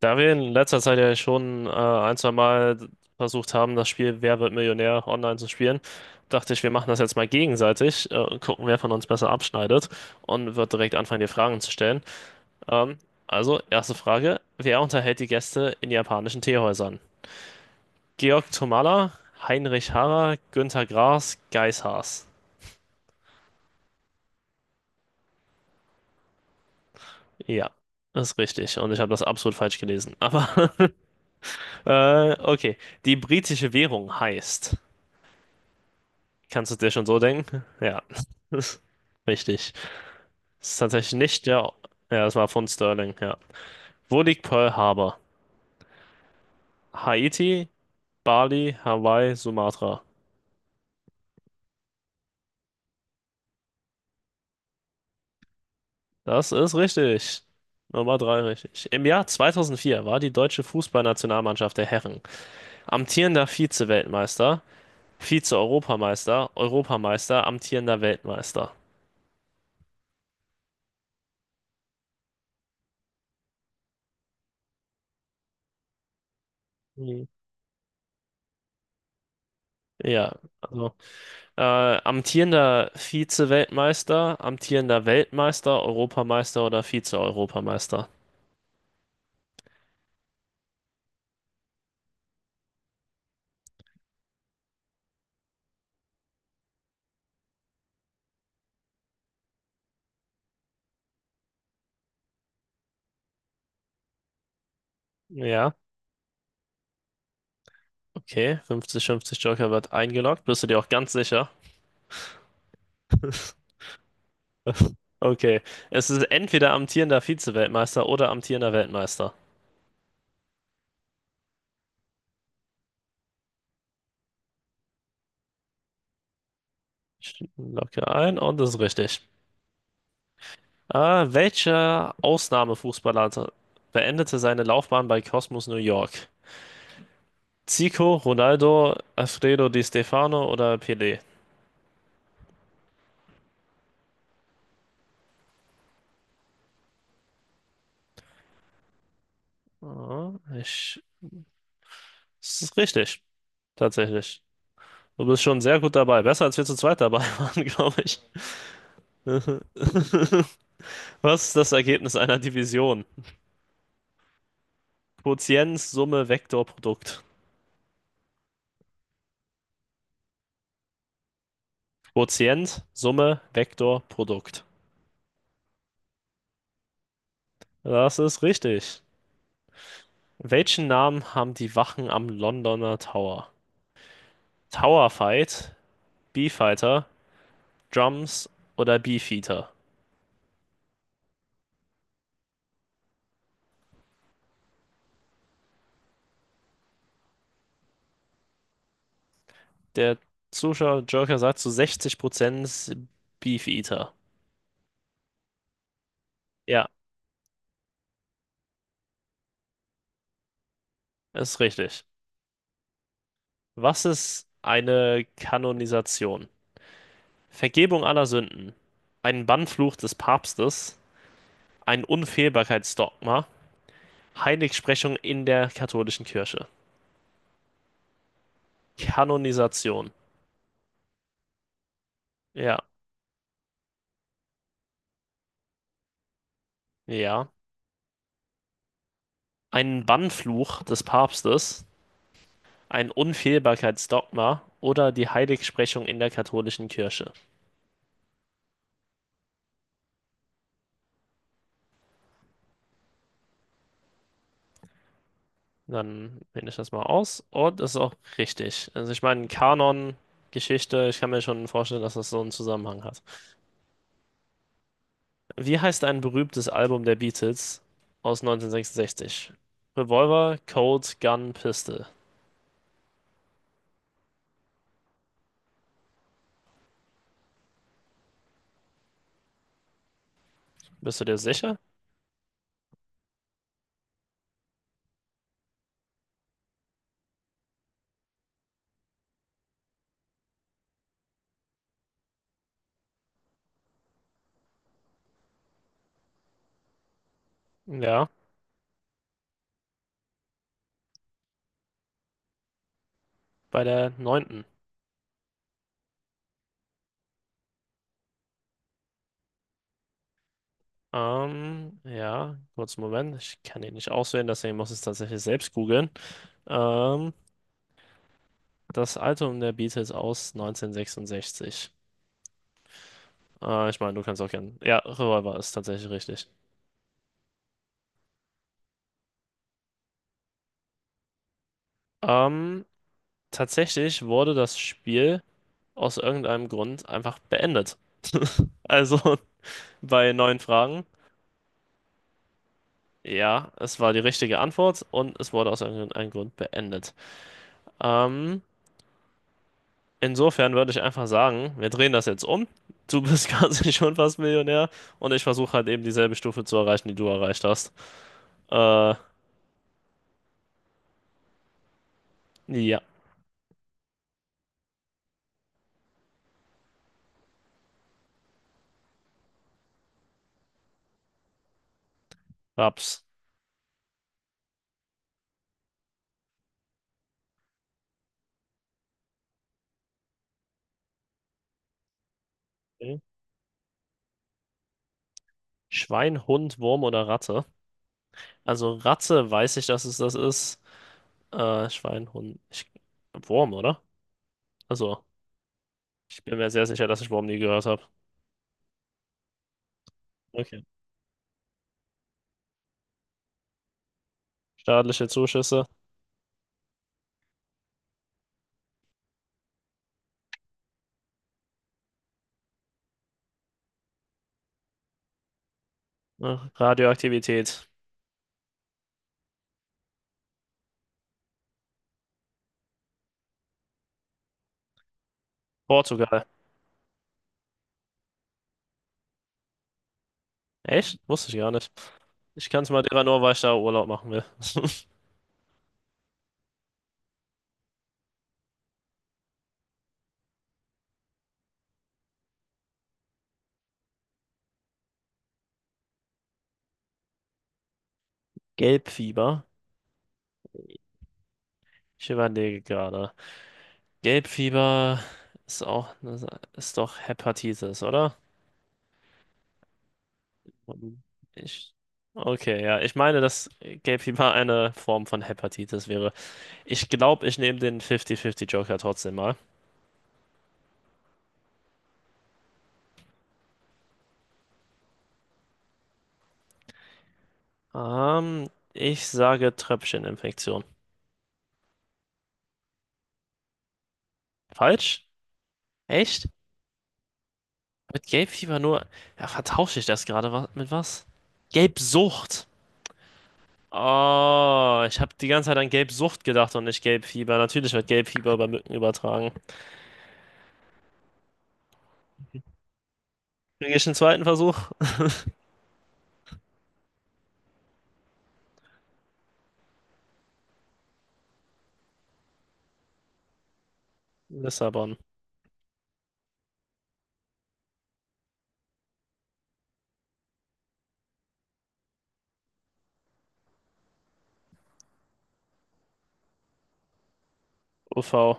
Da wir in letzter Zeit ja schon ein, zwei Mal versucht haben, das Spiel Wer wird Millionär online zu spielen, dachte ich, wir machen das jetzt mal gegenseitig, und gucken, wer von uns besser abschneidet und wird direkt anfangen, dir Fragen zu stellen. Ähm, also, erste Frage: Wer unterhält die Gäste in japanischen Teehäusern? Georg Tomala, Heinrich Harrer, Günther Grass, Geiss Haas. Ja, das ist richtig und ich habe das absolut falsch gelesen. Aber okay, die britische Währung heißt. Kannst du dir schon so denken? Ja, richtig. Das ist tatsächlich nicht der. Ja, das war von Sterling, ja. Wo liegt Pearl Harbor? Haiti, Bali, Hawaii, Sumatra. Das ist richtig. Nummer drei richtig. Im Jahr 2004 war die deutsche Fußballnationalmannschaft der Herren amtierender Vize-Weltmeister, Vize-Europameister, Europameister, amtierender Weltmeister. Mhm. Ja, also amtierender Vize-Weltmeister, amtierender Weltmeister, Europameister oder Vize-Europameister? Ja, okay. 50-50 Joker wird eingeloggt. Bist du dir auch ganz sicher? Okay. Es ist entweder amtierender Vize-Weltmeister oder amtierender Weltmeister. Ich logge ein und das ist richtig. Welcher Ausnahmefußballer beendete seine Laufbahn bei Cosmos New York? Zico, Ronaldo, Alfredo Di Stefano oder Pelé? Ah, ich Das ist richtig, tatsächlich. Du bist schon sehr gut dabei. Besser als wir zu zweit dabei waren, glaube ich. Was ist das Ergebnis einer Division? Quotient, Summe, Vektor, Produkt. Quotient, Summe, Vektor, Produkt. Das ist richtig. Welchen Namen haben die Wachen am Londoner Tower? Tower Fight, B-Fighter, Drums oder Beefeater? Der Zuschauer Joker sagt zu 60% Beefeater. Ja, ist richtig. Was ist eine Kanonisation? Vergebung aller Sünden, ein Bannfluch des Papstes, ein Unfehlbarkeitsdogma, Heiligsprechung in der katholischen Kirche. Kanonisation. Ja, ja. Ein Bannfluch des Papstes, ein Unfehlbarkeitsdogma oder die Heiligsprechung in der katholischen Kirche. Dann finde ich das mal aus. Und das ist auch richtig. Also ich meine, Kanon, Geschichte, ich kann mir schon vorstellen, dass das so einen Zusammenhang hat. Wie heißt ein berühmtes Album der Beatles aus 1966? Revolver, Colt, Gun, Pistol. Bist du dir sicher? Ja, bei der neunten. Ja, kurz einen Moment. Ich kann ihn nicht auswählen, deswegen muss ich es tatsächlich selbst googeln. Ähm, Das Album der Beatles aus 1966. Ich meine, du kannst auch gerne. Ja, Revolver ist tatsächlich richtig. Ähm, Tatsächlich wurde das Spiel aus irgendeinem Grund einfach beendet. Also bei neun Fragen. Ja, es war die richtige Antwort und es wurde aus irgendeinem Grund beendet. Ähm, Insofern würde ich einfach sagen, wir drehen das jetzt um. Du bist quasi schon fast Millionär und ich versuche halt eben dieselbe Stufe zu erreichen, die du erreicht hast. Äh, ja, Raps. Okay. Schwein, Hund, Wurm oder Ratte? Also Ratte weiß ich, dass es das ist. Schwein, Hund, Wurm, oder? Also, ich bin mir sehr sicher, dass ich Wurm nie gehört habe. Okay. Staatliche Zuschüsse. Ach, Radioaktivität. Portugal. Echt? Wusste ich gar nicht. Ich kann kannte Madeira nur, weil ich da Urlaub machen will. Gelbfieber. Ich überlege gerade. Gelbfieber ist auch, ist doch Hepatitis, oder? Ich, okay, ja. Ich meine, dass Gelbfieber eine Form von Hepatitis wäre. Ich glaube, ich nehme den 50-50 Joker trotzdem mal. Ähm, Ich sage Tröpfcheninfektion. Falsch? Echt? Mit Gelbfieber nur. Ja, vertausche ich das gerade mit was? Gelbsucht. Oh, ich habe die ganze Zeit an Gelbsucht gedacht und nicht Gelbfieber. Natürlich wird Gelbfieber über Mücken übertragen. Kriege ich einen zweiten Versuch? Lissabon. UV.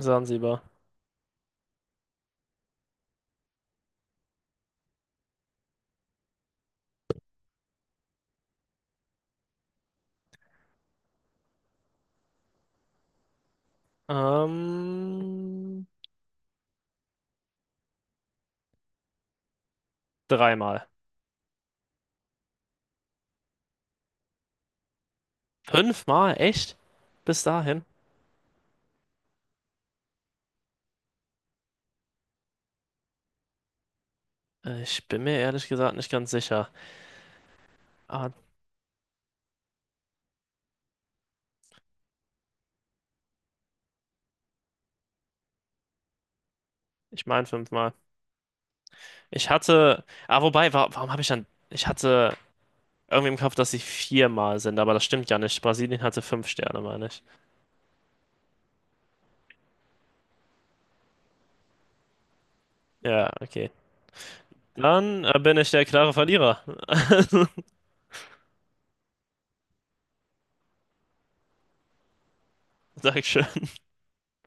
Sansibar. Ähm, Dreimal. Fünfmal? Echt? Bis dahin? Ich bin mir ehrlich gesagt nicht ganz sicher. Ah, Ich meine fünfmal. Ich hatte. Ah, wobei, wa Warum habe ich dann. Ich hatte Irgendwie im Kopf, dass sie viermal sind, aber das stimmt ja nicht. Brasilien hatte fünf Sterne, meine ich. Ja, okay. Dann bin ich der klare Verlierer. Dankeschön.